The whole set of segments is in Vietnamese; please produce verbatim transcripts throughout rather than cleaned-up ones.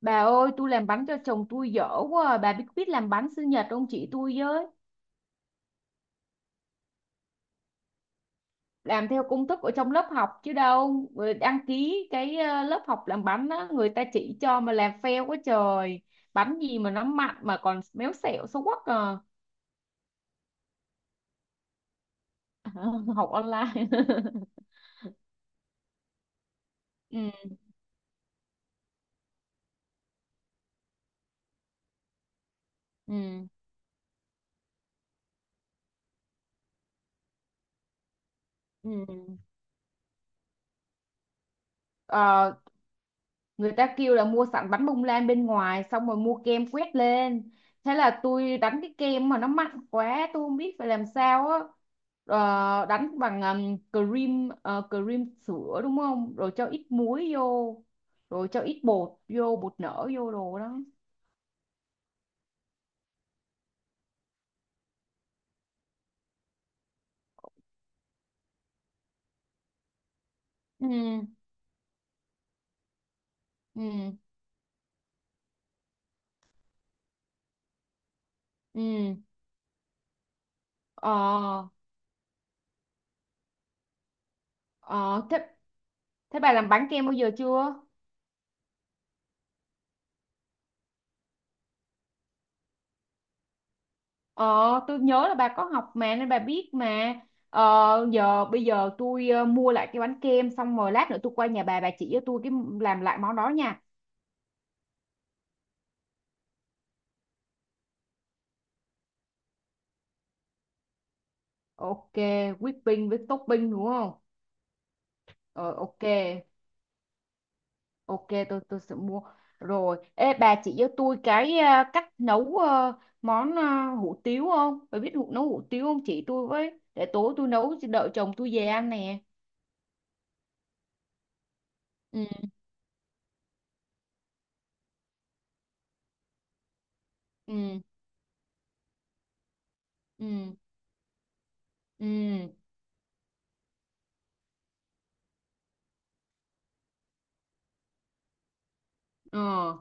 Bà ơi, tôi làm bánh cho chồng tôi dở quá à. Bà biết biết làm bánh sinh nhật không chị tôi với? Làm theo công thức ở trong lớp học chứ đâu. Người đăng ký cái ờ, lớp học làm bánh á, người ta chỉ cho mà làm fail quá trời. Bánh gì mà nó mặn mà còn méo xẹo xấu quắc à. Học online. Ừ, ừ, ừ. Ờ, người ta kêu là mua sẵn bánh bông lan bên ngoài xong rồi mua kem quét lên, thế là tôi đánh cái kem mà nó mặn quá tôi không biết phải làm sao á. Ờ, đánh bằng um, cream, ờ, cream sữa đúng không, rồi cho ít muối vô, rồi cho ít bột vô, bột nở vô đồ đó. Ừ, ừ, ừ, ờ. Ờ thế, thế bà làm bánh kem bao giờ chưa? Ờ, tôi nhớ là bà có học mà nên bà biết mà. Ờ, giờ bây giờ tôi ờ, mua lại cái bánh kem xong rồi lát nữa tôi qua nhà bà bà chỉ cho tôi cái làm lại món đó nha. Ok, whipping với topping đúng không? Ờ ok, ok tôi tôi sẽ mua. Rồi, ê bà chỉ cho tôi cái ờ, cách nấu ờ, món ờ, hủ tiếu không? Bà biết hủ nấu hủ tiếu không? Chỉ tôi với để tối tôi nấu đợi chồng tôi về ăn nè. Ừ, ừ, ừ, ừ. Ờ.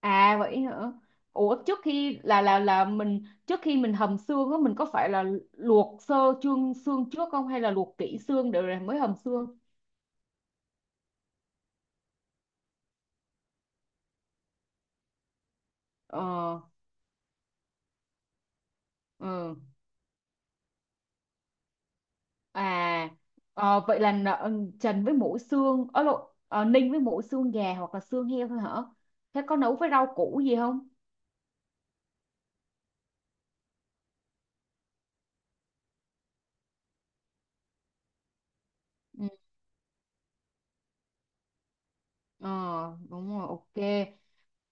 À vậy hả? Ủa trước khi là là là mình trước khi mình hầm xương á, mình có phải là luộc sơ xương xương trước không hay là luộc kỹ xương để rồi mới hầm xương? Ờ, ừ. À ờ, vậy là nợ- trần với mỗi xương ở lộ ờ, ninh với mỗi xương gà hoặc là xương heo thôi hả? Thế có nấu với rau củ gì không? Ừ. Ờ, đúng rồi ok.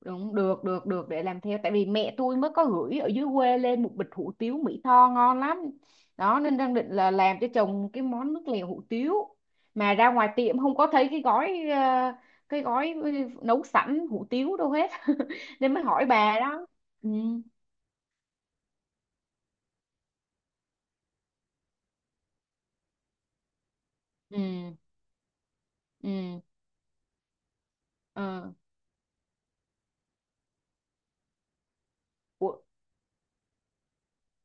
Đúng, được, được, được, để làm theo. Tại vì mẹ tôi mới có gửi ở dưới quê lên một bịch hủ tiếu Mỹ Tho ngon lắm. Đó, nên đang định là làm cho chồng cái món nước lèo hủ tiếu. Mà ra ngoài tiệm không có thấy cái gói, ờ, cái gói nấu sẵn hủ tiếu đâu hết. Nên mới hỏi bà đó. Ừ, ừ, ừ. Ờ, ủa,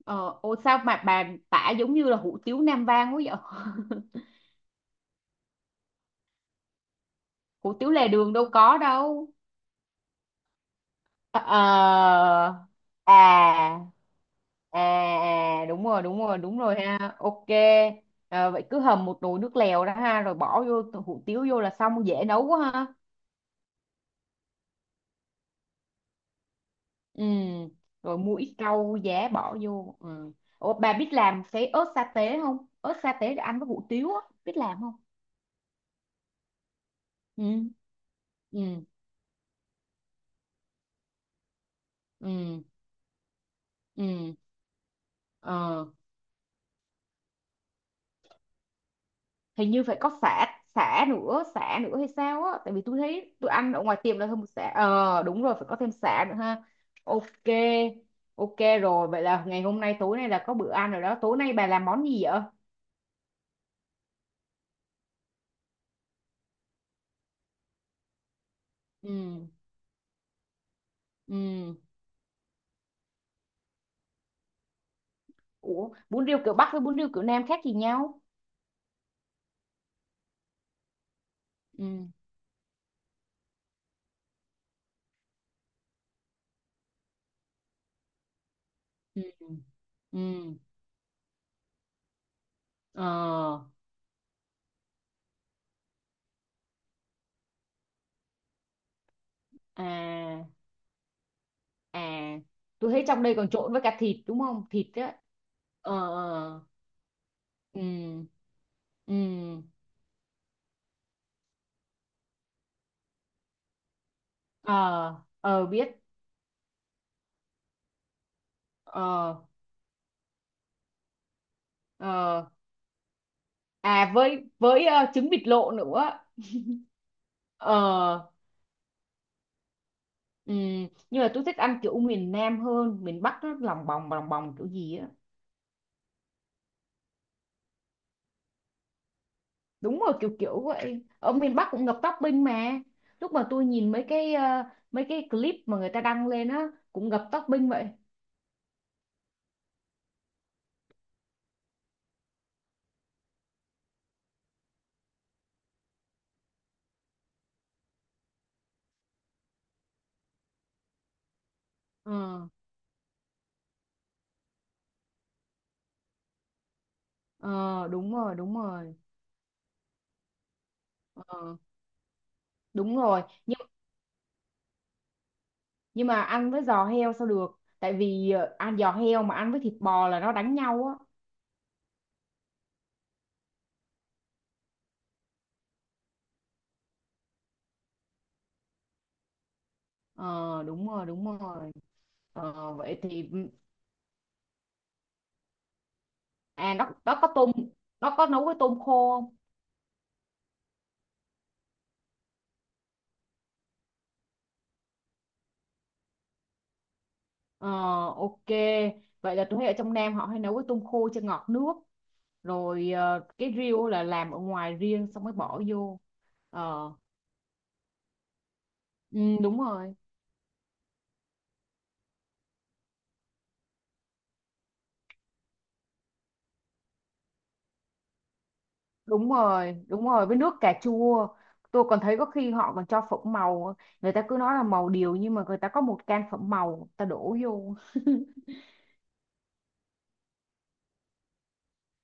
ờ, ủa sao mà bà tả giống như là hủ tiếu Nam Vang quá vậy? Hủ tiếu lề đường đâu có đâu. Ờ, ờ, à... À à đúng rồi đúng rồi đúng rồi ha, ok. À, vậy cứ hầm một nồi nước lèo đó ha, rồi bỏ vô t- hủ tiếu vô là xong, dễ nấu quá ha. Ừ, rồi mua ít rau giá bỏ vô, ừ. Ủa, bà biết làm cái ớt sa tế không? Ớt sa tế để ăn với hủ tiếu á, biết làm không? Ừ, ừ, ừ, ừ, ờ. Hình như phải có sả, sả nữa, sả nữa hay sao á, tại vì tôi thấy tôi ăn ở ngoài tiệm là hơn một sả. Ờ đúng rồi phải có thêm sả nữa ha. Ok, ok rồi, vậy là ngày hôm nay, tối nay là có bữa ăn rồi đó. Tối nay bà làm món gì vậy? Ừ, ừ. Ủa bún riêu kiểu Bắc với bún riêu kiểu Nam khác gì nhau? Ừ, ừ, ừ, ờ, à. À tôi thấy trong đây còn trộn với cả thịt đúng không, thịt á? Ờ, ờ, ừ, ừ, ờ. Ờ biết. Ờ, ờ, à với với ờ, trứng vịt lộ nữa. Ờ, ừm, nhưng mà tôi thích ăn kiểu miền Nam hơn, miền Bắc nó lòng bòng lòng bòng kiểu gì á. Đúng rồi, kiểu kiểu vậy, ở miền Bắc cũng ngập topping mà. Lúc mà tôi nhìn mấy cái ờ, mấy cái clip mà người ta đăng lên á cũng ngập topping vậy. Ờ, ờ, đúng rồi đúng rồi. Ờ đúng rồi nhưng nhưng mà ăn với giò heo sao được, tại vì ờ, ăn giò heo mà ăn với thịt bò là nó đánh nhau á. Ờ, đúng rồi đúng rồi. Ờ, vậy thì à, nó nó có tôm, nó có nấu với tôm khô không? Ờ, ok, vậy là tôi thấy ở trong Nam họ hay nấu với tôm khô cho ngọt nước, rồi ờ, cái riêu là làm ở ngoài riêng xong mới bỏ vô. Ờ, ừ, đúng rồi đúng rồi đúng rồi với nước cà chua. Tôi còn thấy có khi họ còn cho phẩm màu, người ta cứ nói là màu điều nhưng mà người ta có một can phẩm màu người ta đổ vô.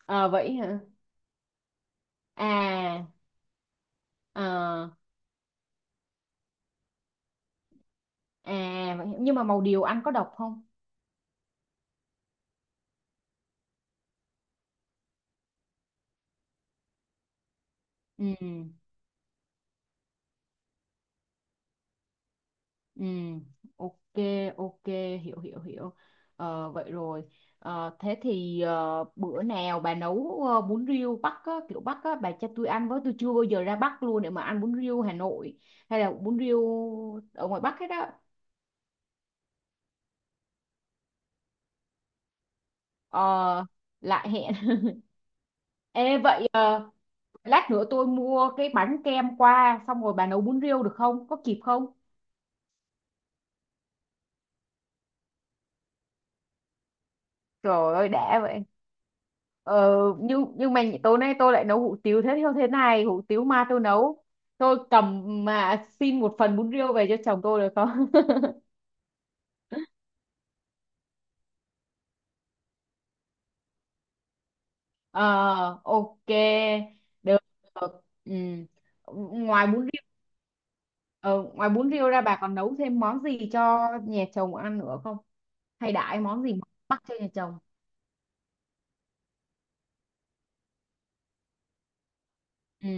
Ờ, vậy hả, à, ờ. À, vậy, nhưng mà màu điều ăn có độc không? Ừ, ừ, ok, ok, hiểu, hiểu, hiểu. Ờ, vậy rồi, ờ, thế thì ờ, bữa nào bà nấu ờ, bún riêu Bắc á, kiểu Bắc á, bà cho tôi ăn với, tôi chưa bao giờ ra Bắc luôn để mà ăn bún riêu Hà Nội hay là bún riêu ở ngoài Bắc hết á. Ờ, lại hẹn. Ê, vậy ờ, lát nữa tôi mua cái bánh kem qua xong rồi bà nấu bún riêu được không? Có kịp không? Trời ơi đã vậy. Ờ, nhưng nhưng mà tối nay tôi lại nấu hủ tiếu, thế theo thế này, hủ tiếu ma tôi nấu, tôi cầm mà xin một phần bún riêu về cho chồng tôi được không? Ờ, ok, được, được. Ừ. Ngoài bún riêu, ờ, ngoài bún riêu ra bà còn nấu thêm món gì cho nhà chồng ăn nữa không? Hay đãi món gì mắc cho nhà chồng? Ừ,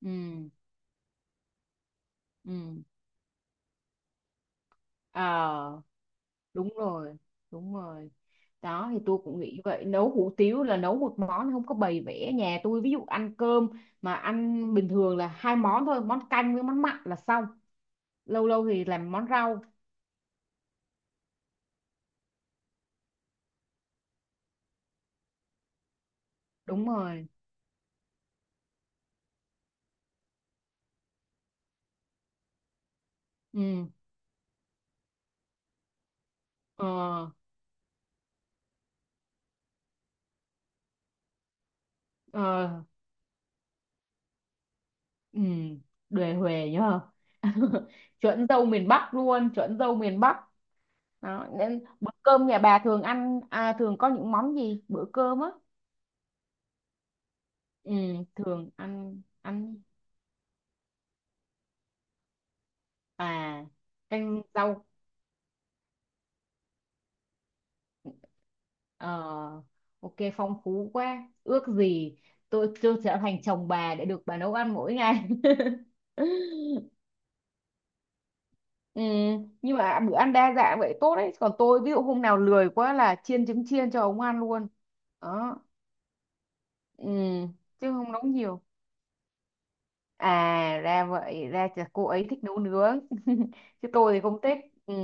ừ, ừ, ờ. Đúng rồi, đúng rồi, đó thì tôi cũng nghĩ vậy. Nấu hủ tiếu là nấu một món, không có bày vẽ. Nhà tôi ví dụ ăn cơm mà ăn bình thường là hai món thôi, món canh với món mặn là xong, lâu lâu thì làm món rau. Đúng rồi, ừ, ờ, ờ, ừ, đề huề nhờ. Chuẩn dâu miền Bắc luôn, chuẩn dâu miền Bắc. Đó nên bữa cơm nhà bà thường ăn à, thường có những món gì bữa cơm á? Ừ, thường ăn ăn, à, canh rau. Ờ, ok phong phú quá, ước gì tôi tôi trở thành chồng bà để được bà nấu ăn mỗi ngày. Ừ, nhưng mà bữa ăn đa dạng vậy tốt đấy, còn tôi ví dụ hôm nào lười quá là chiên trứng chiên cho ông ăn luôn đó. Ừ, chứ không nấu nhiều. À ra vậy, ra chả cô ấy thích nấu nướng. Chứ tôi thì không thích. Ừ,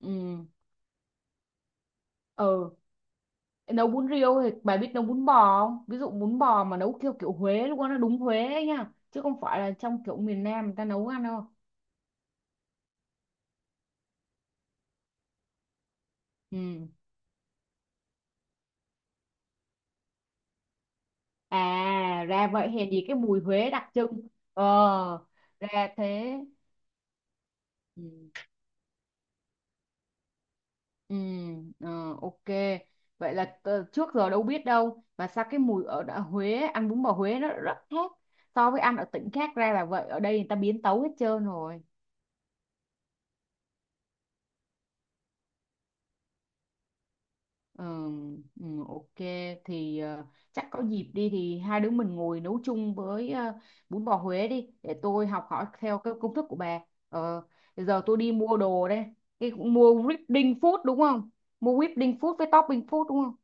ừ, ừ. Nấu bún riêu thì bà biết nấu bún bò không? Ví dụ bún bò mà nấu theo kiểu Huế luôn á, nó đúng Huế ấy nha chứ không phải là trong kiểu miền Nam người ta nấu ăn đâu. Ừ. À ra vậy, hèn gì cái mùi Huế đặc trưng. Ờ ra thế. Ừ. Ừ. Ờ, ok vậy là t- trước giờ đâu biết, đâu và sao cái mùi ở đã Huế ăn bún bò Huế nó rất khác so với ăn ở tỉnh khác, ra là vậy, ở đây người ta biến tấu hết trơn rồi. Ờ, ừ, ok. Thì ờ, chắc có dịp đi thì hai đứa mình ngồi nấu chung với ờ, bún bò Huế đi để tôi học hỏi theo cái công thức của bà. Ờ, bây giờ tôi đi mua đồ đây. Cái cũng mua whipping food đúng không? Mua whipping food với topping food đúng không?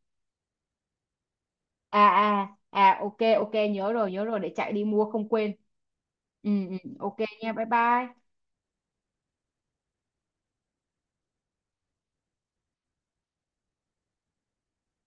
À à à ok ok, nhớ rồi nhớ rồi, để chạy đi mua không quên. Ừ, ừ ok nha, bye bye.